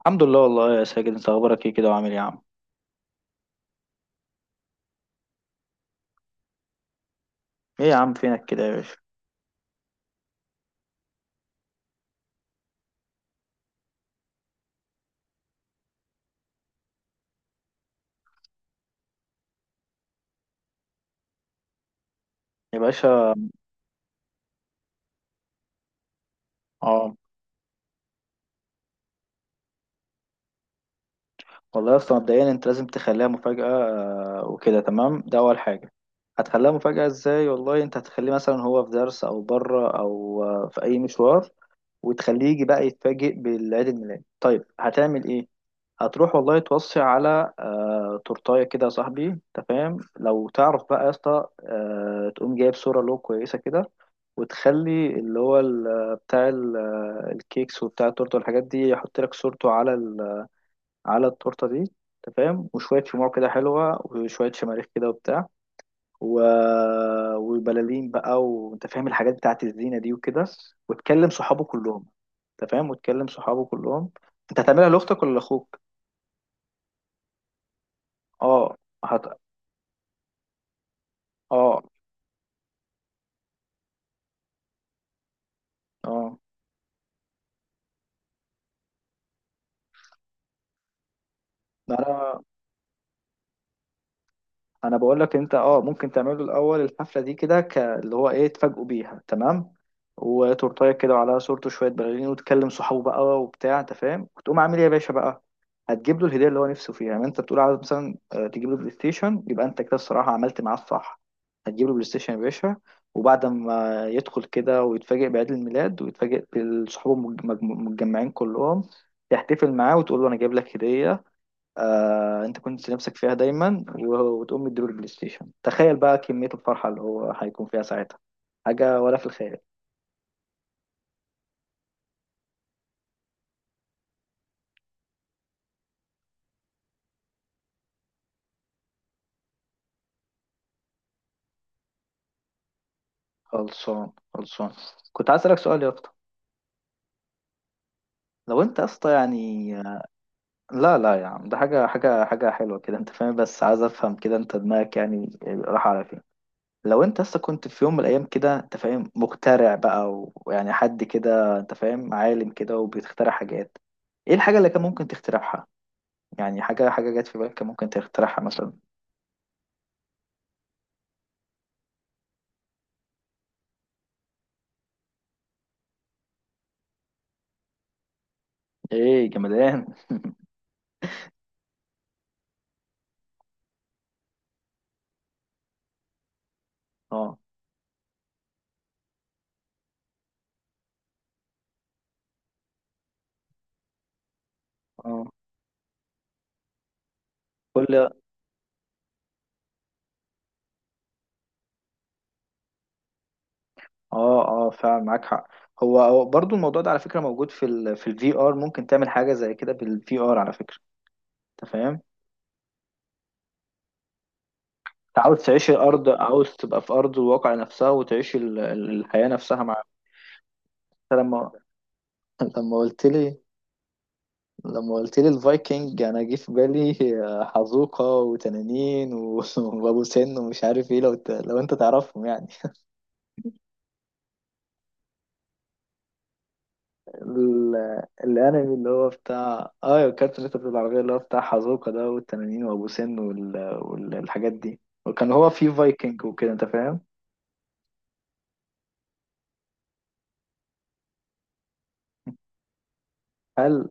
الحمد لله، والله يا ساجد، انت اخبارك ايه كده وعامل ايه يا عم؟ ايه يا عم، فينك كده يا باشا؟ يا باشا. اه والله يا اسطى، مبدئيا انت لازم تخليها مفاجأة، وكده تمام، ده اول حاجة. هتخليها مفاجأة ازاي؟ والله انت هتخليه مثلا هو في درس او بره او في اي مشوار، وتخليه يجي بقى يتفاجئ بالعيد الميلاد. طيب هتعمل ايه؟ هتروح والله توصي على تورتايه كده يا صاحبي، انت فاهم، لو تعرف بقى يا اسطى تقوم جايب صورة له كويسة كده، وتخلي اللي هو بتاع الكيكس وبتاع التورته والحاجات دي يحط لك صورته على على التورته دي، انت فاهم، وشويه شموع كده حلوه، وشويه شماريخ كده وبتاع و... وبلالين بقى، وانت فاهم الحاجات بتاعت الزينه دي وكده، وتكلم صحابه كلهم، انت فاهم، وتكلم صحابه كلهم. انت هتعملها لاختك ولا لاخوك؟ اه. هت... اه. اه، ما انا بقول لك، انت اه ممكن تعملوا الاول الحفله دي كده، اللي هو ايه، تفاجئوا بيها، تمام، وتورتايه كده وعلى صورته شويه بلالين، وتكلم صحابه بقى وبتاع، انت فاهم، وتقوم عامل ايه يا باشا بقى. هتجيب له الهديه اللي هو نفسه فيها، يعني انت بتقول عاوز مثلا، تجيب له بلاي ستيشن، يبقى انت كده الصراحه عملت معاه الصح. هتجيب له بلاي ستيشن يا باشا، وبعد ما يدخل كده ويتفاجئ بعيد الميلاد ويتفاجئ بصحابه متجمعين كلهم، تحتفل معاه وتقول له انا جايب لك هديه، آه انت كنت نفسك فيها دايما، وتقوم مديله البلاي ستيشن. تخيل بقى كمية الفرحة اللي هو هيكون فيها ساعتها، حاجة ولا في الخيال. خلصان، كنت عايز اسألك سؤال يا اسطى. لو انت يا اسطى يعني، لا لا يا عم، ده حاجة حلوة كده، انت فاهم، بس عايز افهم كده انت دماغك يعني راح على فين. لو انت اصلا كنت في يوم من الايام كده، انت فاهم، مخترع بقى ويعني حد كده، انت فاهم، عالم كده وبيخترع حاجات، ايه الحاجة اللي كان ممكن تخترعها؟ يعني حاجة، جت في بالك كان ممكن تخترعها مثلا. ايه جمدان. اه اه. كل اه، اه فعلا معاك حق. هو برضو الموضوع ده على فكره موجود في ال في الفي ار، ممكن تعمل حاجه زي كده بالفي ار على فكره، انت فاهم. انت عاوز تعيش الارض، عاوز تبقى في ارض الواقع نفسها وتعيش الحياه نفسها مع. أنت لما لما قلت لي لما قلت لي الفايكنج، انا جه في بالي حزوقه وتنانين وابو سن ومش عارف ايه، لو انت تعرفهم يعني. الانمي اللي هو بتاع الكارت اللي انت بتقول العربيه، اللي هو بتاع حازوكا ده والتنانين وابو سن والحاجات دي، وكان هو في فايكنج وكده، انت فاهم. هل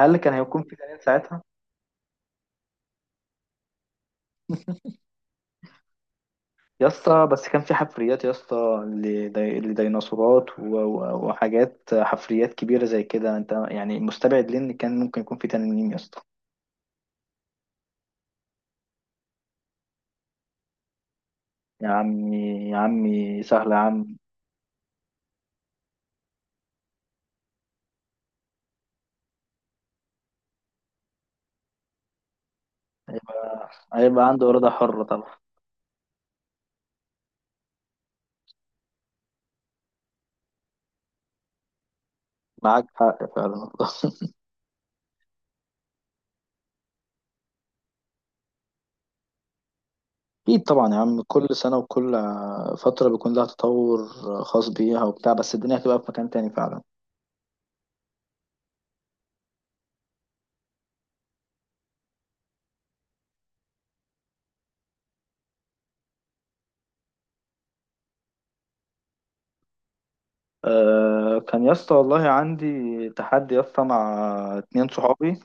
هل كان هيكون في تنانين ساعتها؟ يا اسطى بس كان في حفريات يا اسطى، لديناصورات وحاجات حفريات كبيره زي كده، انت يعني مستبعد ليه ان كان ممكن يكون في تنانين يا اسطى؟ يا عمي يا عمي، سهله يا عم. هيبقى عنده اراده حره طبعا. معاك حق فعلا. أكيد طبعا يا عم، كل سنة وكل فترة بيكون لها تطور خاص بيها وبتاع، بس الدنيا هتبقى في مكان تاني فعلا. أه، كان يا اسطى والله عندي تحدي يا اسطى مع اتنين صحابي.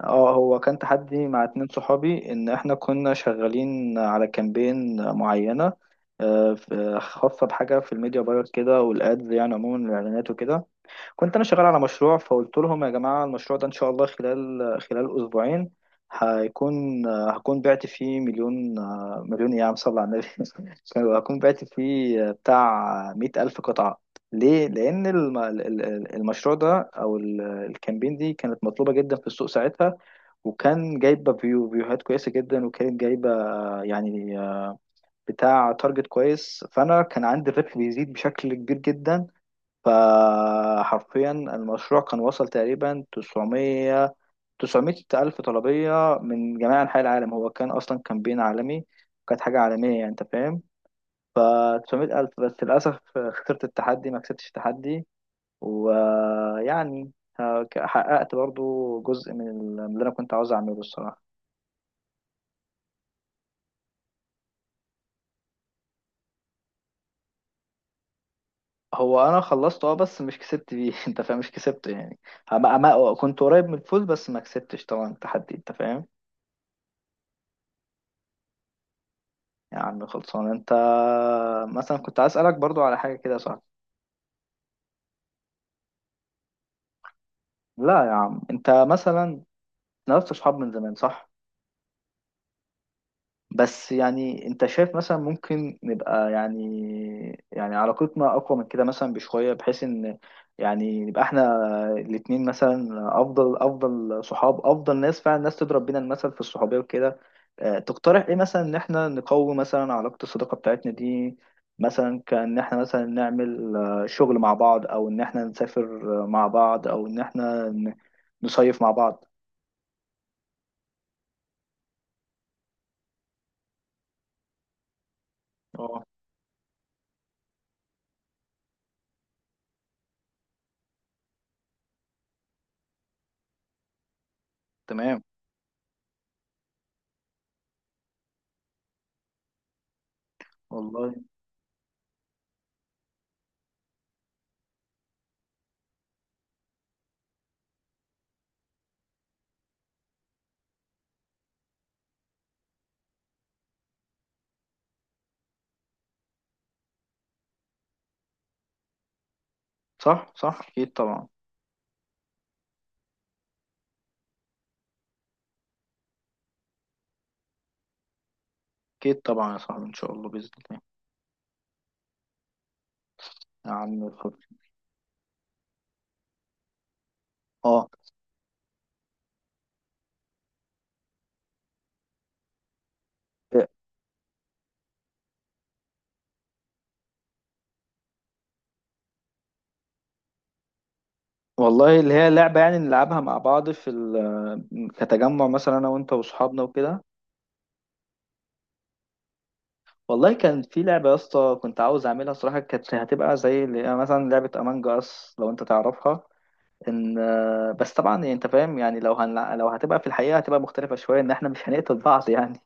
اه، هو كان تحدي مع اتنين صحابي، ان احنا كنا شغالين على كامبين معينة. أه خاصة بحاجة في الميديا باير كده والادز، يعني عموما الاعلانات وكده. كنت انا شغال على مشروع، فقلت لهم يا جماعه، المشروع ده ان شاء الله خلال اسبوعين هيكون هكون بعت فيه مليون. مليون ايه يا عم، صل على النبي. هكون بعت فيه بتاع مئة ألف قطعة. ليه؟ لأن المشروع ده أو الكامبين دي كانت مطلوبة جدا في السوق ساعتها، وكان جايبة فيوهات كويسة جدا، وكانت جايبة يعني بتاع تارجت كويس، فأنا كان عندي الربح بيزيد بشكل كبير جدا. فحرفيا المشروع كان وصل تقريبا 900، 900 ألف طلبية من جميع أنحاء العالم، هو كان أصلا كامبين عالمي، كانت حاجة عالمية يعني، أنت فاهم. ف 900 ألف، بس للأسف خسرت التحدي، ما كسبتش التحدي. ويعني حققت برضو جزء من من اللي أنا كنت عاوز أعمله الصراحة. هو أنا خلصت أه، بس مش كسبت بيه. أنت فاهم، مش كسبت يعني. كنت قريب من الفوز، بس ما كسبتش طبعا التحدي، أنت فاهم. يا عم خلصان انت، مثلا كنت عايز اسالك برضو على حاجه كده صح؟ لا يا عم، انت مثلا نفس صحاب من زمان صح؟ بس يعني انت شايف مثلا ممكن نبقى يعني، علاقتنا اقوى من كده مثلا بشوية، بحيث ان يعني نبقى احنا الاتنين مثلا افضل صحاب، افضل ناس فعلا، الناس تضرب بينا المثل في الصحوبية وكده. اه، تقترح ايه مثلا ان احنا نقوي مثلا علاقة الصداقة بتاعتنا دي؟ مثلا كان احنا مثلا نعمل شغل مع بعض، او ان احنا نسافر اه، مع بعض، او ان احنا نصيف مع بعض. اه تمام والله. صح صح، اكيد طبعا. اكيد طبعا يا صاحبي، ان شاء الله باذن الله. يا عم الفضل. اه إيه، والله اللي هي لعبه يعني نلعبها مع بعض في كتجمع مثلا انا وانت واصحابنا وكده. والله كان في لعبه يا اسطى كنت عاوز اعملها صراحه، كانت هتبقى زي اللي هي مثلا لعبه امانج اس لو انت تعرفها. ان، بس طبعا يعني انت فاهم، يعني لو هتبقى في الحقيقه هتبقى مختلفه شويه، ان احنا مش هنقتل بعض يعني.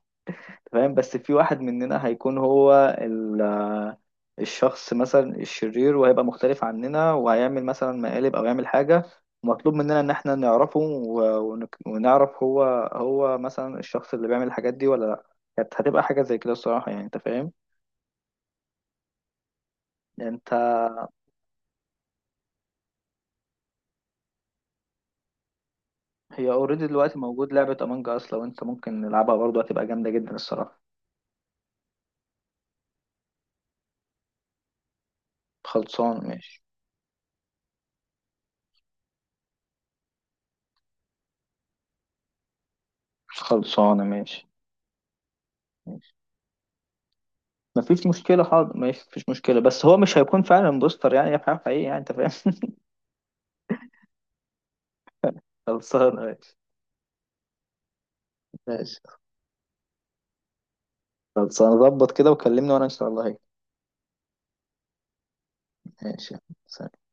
تمام، بس في واحد مننا هيكون هو الشخص مثلا الشرير، وهيبقى مختلف عننا وهيعمل مثلا مقالب او يعمل حاجة، ومطلوب مننا ان احنا نعرفه ونعرف هو مثلا الشخص اللي بيعمل الحاجات دي ولا لا. كانت هتبقى حاجة زي كده الصراحة، يعني انت فاهم. يعني انت هي اوريدي دلوقتي موجود لعبة امانج اس، لو انت ممكن نلعبها برضه هتبقى جامدة جدا الصراحة. خلصان ماشي. خلصانة ماشي. ماشي. مفيش مشكلة حاضر ماشي، مفيش مشكلة، بس هو مش هيكون فعلا بوستر يعني هي حقيقي يعني، انت فاهم. خلصانة ماشي. ماشي، خلاص هنظبط كده وكلمني وانا ان شاء الله هيك. ماشي. سلام.